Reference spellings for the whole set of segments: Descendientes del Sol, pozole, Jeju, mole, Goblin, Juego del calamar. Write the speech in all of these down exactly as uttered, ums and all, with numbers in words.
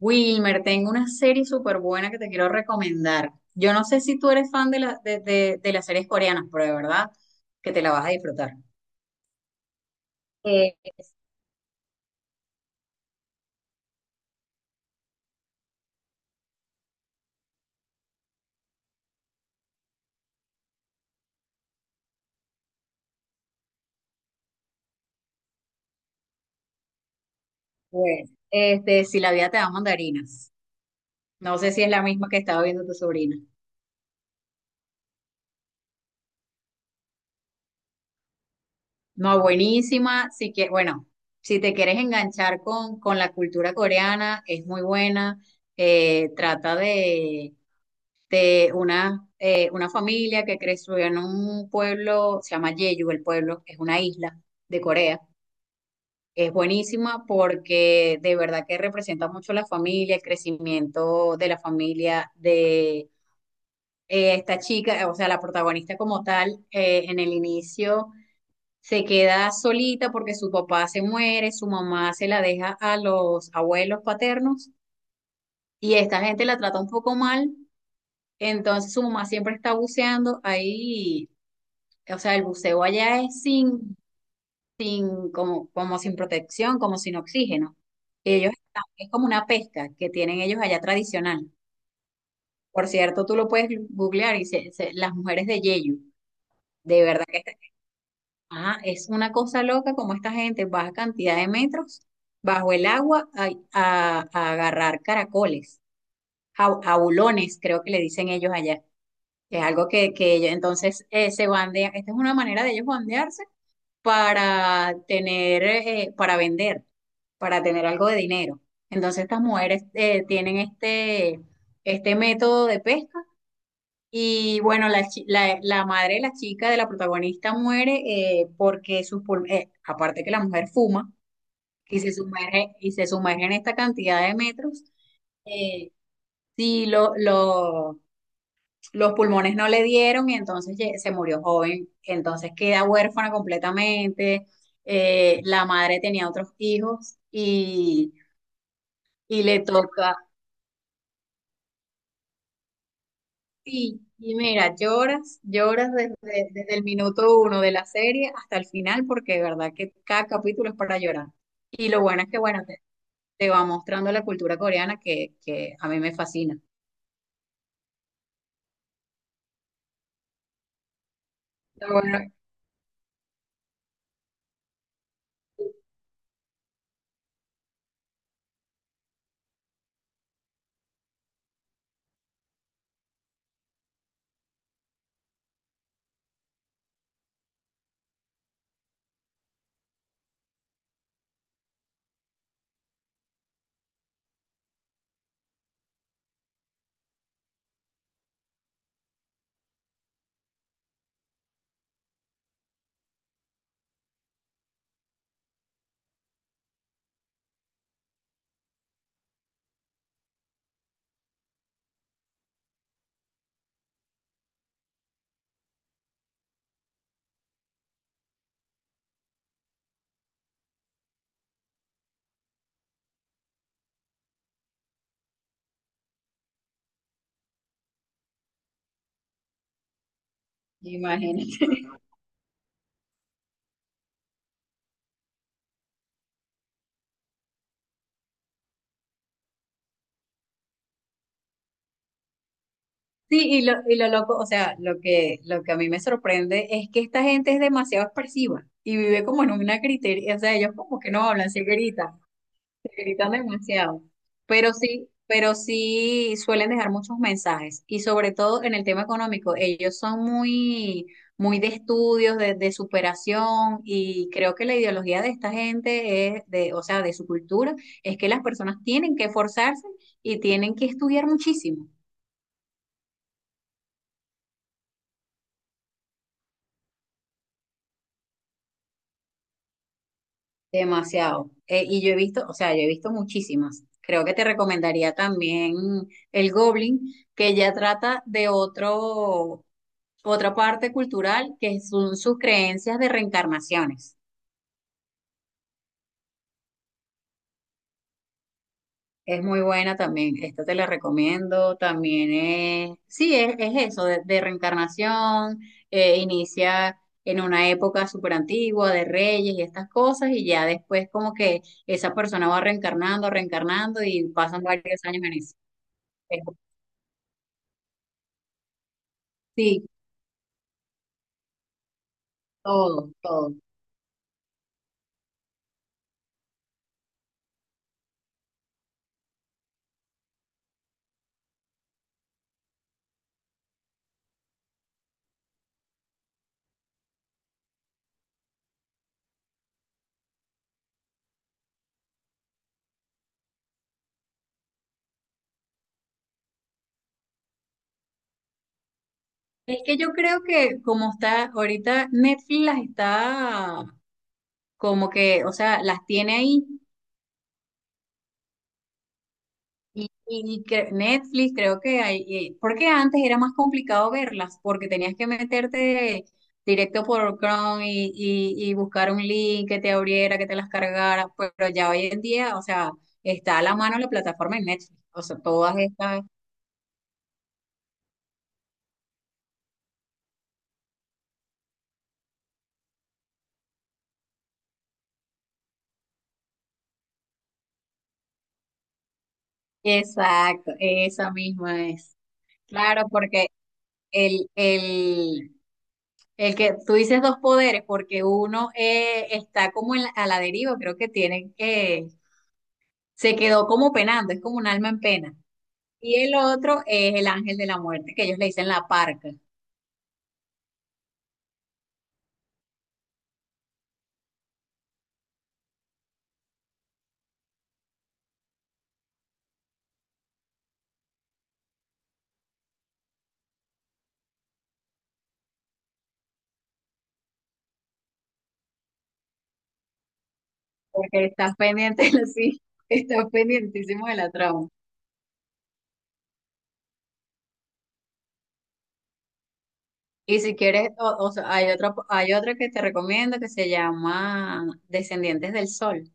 Wilmer, tengo una serie súper buena que te quiero recomendar. Yo no sé si tú eres fan de, la- de, de- de las series coreanas, pero de verdad que te la vas a disfrutar. Pues, este, si la vida te da mandarinas. No sé si es la misma que estaba viendo tu sobrina. No, buenísima. Si que, bueno, si te quieres enganchar con, con la cultura coreana, es muy buena. Eh, trata de, de una, eh, una familia que creció en un pueblo, se llama Jeju, el pueblo, es una isla de Corea. Es buenísima porque de verdad que representa mucho la familia, el crecimiento de la familia, de eh, esta chica, eh, o sea, la protagonista como tal, eh, en el inicio se queda solita porque su papá se muere, su mamá se la deja a los abuelos paternos y esta gente la trata un poco mal, entonces su mamá siempre está buceando ahí, o sea, el buceo allá es sin sin, como, como sin protección, como sin oxígeno. Ellos están- es como una pesca que tienen ellos allá tradicional. Por cierto, tú lo puedes googlear y se- se- las mujeres de Yeyu, de verdad que está- ah, es una cosa loca como esta gente baja cantidad de metros bajo el agua a, a- a agarrar caracoles, jau- jaulones, creo que le dicen ellos allá. Es algo que, que ellos entonces eh, se bandean. Esta es una manera de ellos bandearse para tener, eh, para vender, para tener algo de dinero. Entonces estas mujeres eh, tienen este, este método de pesca y bueno, la, chi- la, la madre de la chica, de la protagonista, muere eh, porque sus pul- eh, aparte que la mujer fuma y se sumerge, y se sumerge en esta cantidad de metros, eh, sí lo, lo, los pulmones no le dieron y entonces ye- se murió joven. Entonces queda huérfana completamente. Eh, la madre tenía otros hijos y, y le toca, y, y mira, lloras, lloras desde, desde el minuto uno de la serie hasta el final, porque de verdad que cada capítulo es para llorar. Y lo bueno es que, bueno, te, te va mostrando la cultura coreana que, que a mí me fascina. Lo bueno, imagínate. Sí, y lo, y lo loco, o sea, lo que, lo que a mí me sorprende es que esta gente es demasiado expresiva y vive como en una criteria, o sea, ellos como que no hablan, se gritan, se gritan demasiado, pero sí, pero sí suelen dejar muchos mensajes y sobre todo en el tema económico, ellos son muy, muy de estudios, de, de superación y creo que la ideología de esta gente es, de, o sea, de su cultura, es que las personas tienen que esforzarse y tienen que estudiar muchísimo. Demasiado. Eh, y yo he visto, o sea, yo he visto muchísimas. Creo que te recomendaría también el Goblin, que ya trata de otro, otra parte cultural, que son sus creencias de reencarnaciones. Es muy buena también, esta te la recomiendo, también es, sí, es, es eso, de, de reencarnación, eh, inicia en una época súper antigua de reyes y estas cosas, y ya después como que esa persona va reencarnando, reencarnando y pasan varios años en eso. Es- sí, todo, todo. Es que yo creo que como está ahorita Netflix las está como que, o sea, las tiene ahí. Y, y cre- Netflix, creo que hay, y- porque antes era más complicado verlas, porque tenías que meterte directo por Chrome y, y, y buscar un link que te abriera, que te las cargara, pero ya hoy en día, o sea, está a la mano la plataforma de Netflix, o sea, todas estas, exacto, esa misma es. Claro, porque el, el, el que tú dices dos poderes, porque uno eh, está como en la- a la deriva, creo que tienen se quedó como penando, es como un alma en pena. Y el otro es el ángel de la muerte, que ellos le dicen la parca, porque estás pendiente, sí, estás pendientísimo de la trama. Y si quieres, o, o sea, hay otro, hay otro que te recomiendo que se llama Descendientes del Sol,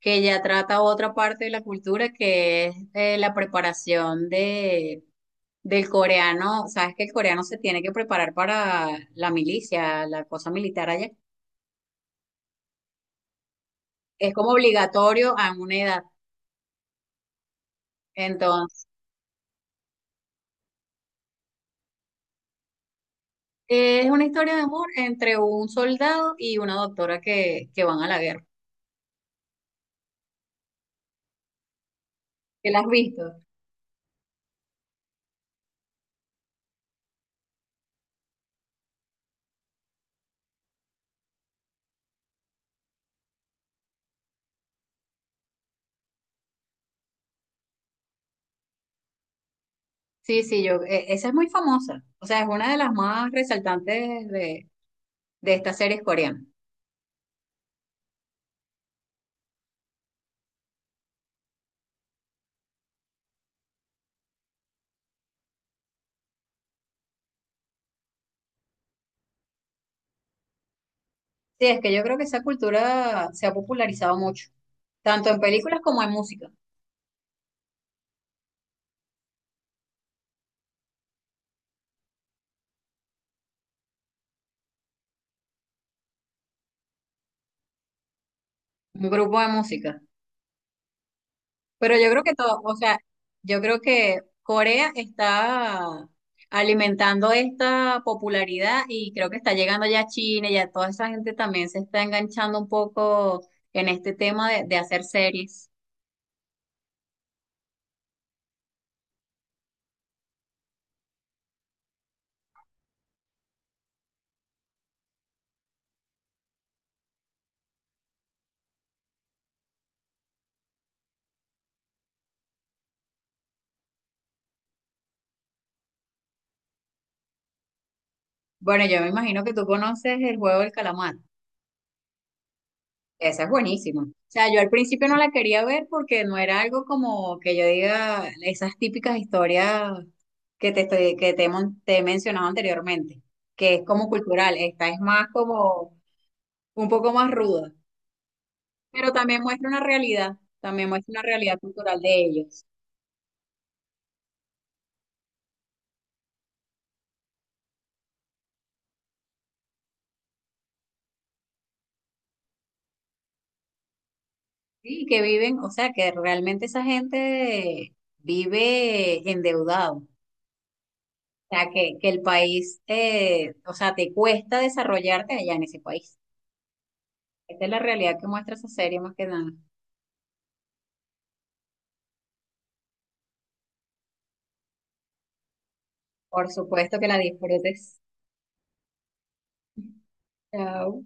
que ya trata otra parte de la cultura que es eh, la preparación de, del coreano. Sabes que el coreano se tiene que preparar para la milicia, la cosa militar allá. Es como obligatorio a una edad. Entonces, es una historia de amor entre un soldado y una doctora que, que van a la guerra. ¿Que la has visto? Sí, sí, yo, e- esa es muy famosa. O sea, es una de las más resaltantes de, de estas series coreanas. Sí, es que yo creo que esa cultura se ha popularizado mucho, tanto en películas como en música, un grupo de música. Pero yo creo que todo, o sea, yo creo que Corea está alimentando esta popularidad y creo que está llegando ya a China, ya toda esa gente también se está enganchando un poco en este tema de, de hacer series. Bueno, yo me imagino que tú conoces el juego del calamar. Esa es buenísima. O sea, yo al principio no la quería ver porque no era algo como que yo diga esas típicas historias que te estoy, que te, he mon- te he mencionado anteriormente, que es como cultural. Esta es más como un poco más ruda, pero también muestra una realidad, también muestra una realidad cultural de ellos. Sí, que viven, o sea, que realmente esa gente vive endeudado. O sea, que, que el país, eh, o sea, te cuesta desarrollarte allá en ese país. Esta es la realidad que muestra esa serie más que nada. Por supuesto que la disfrutes. Chao.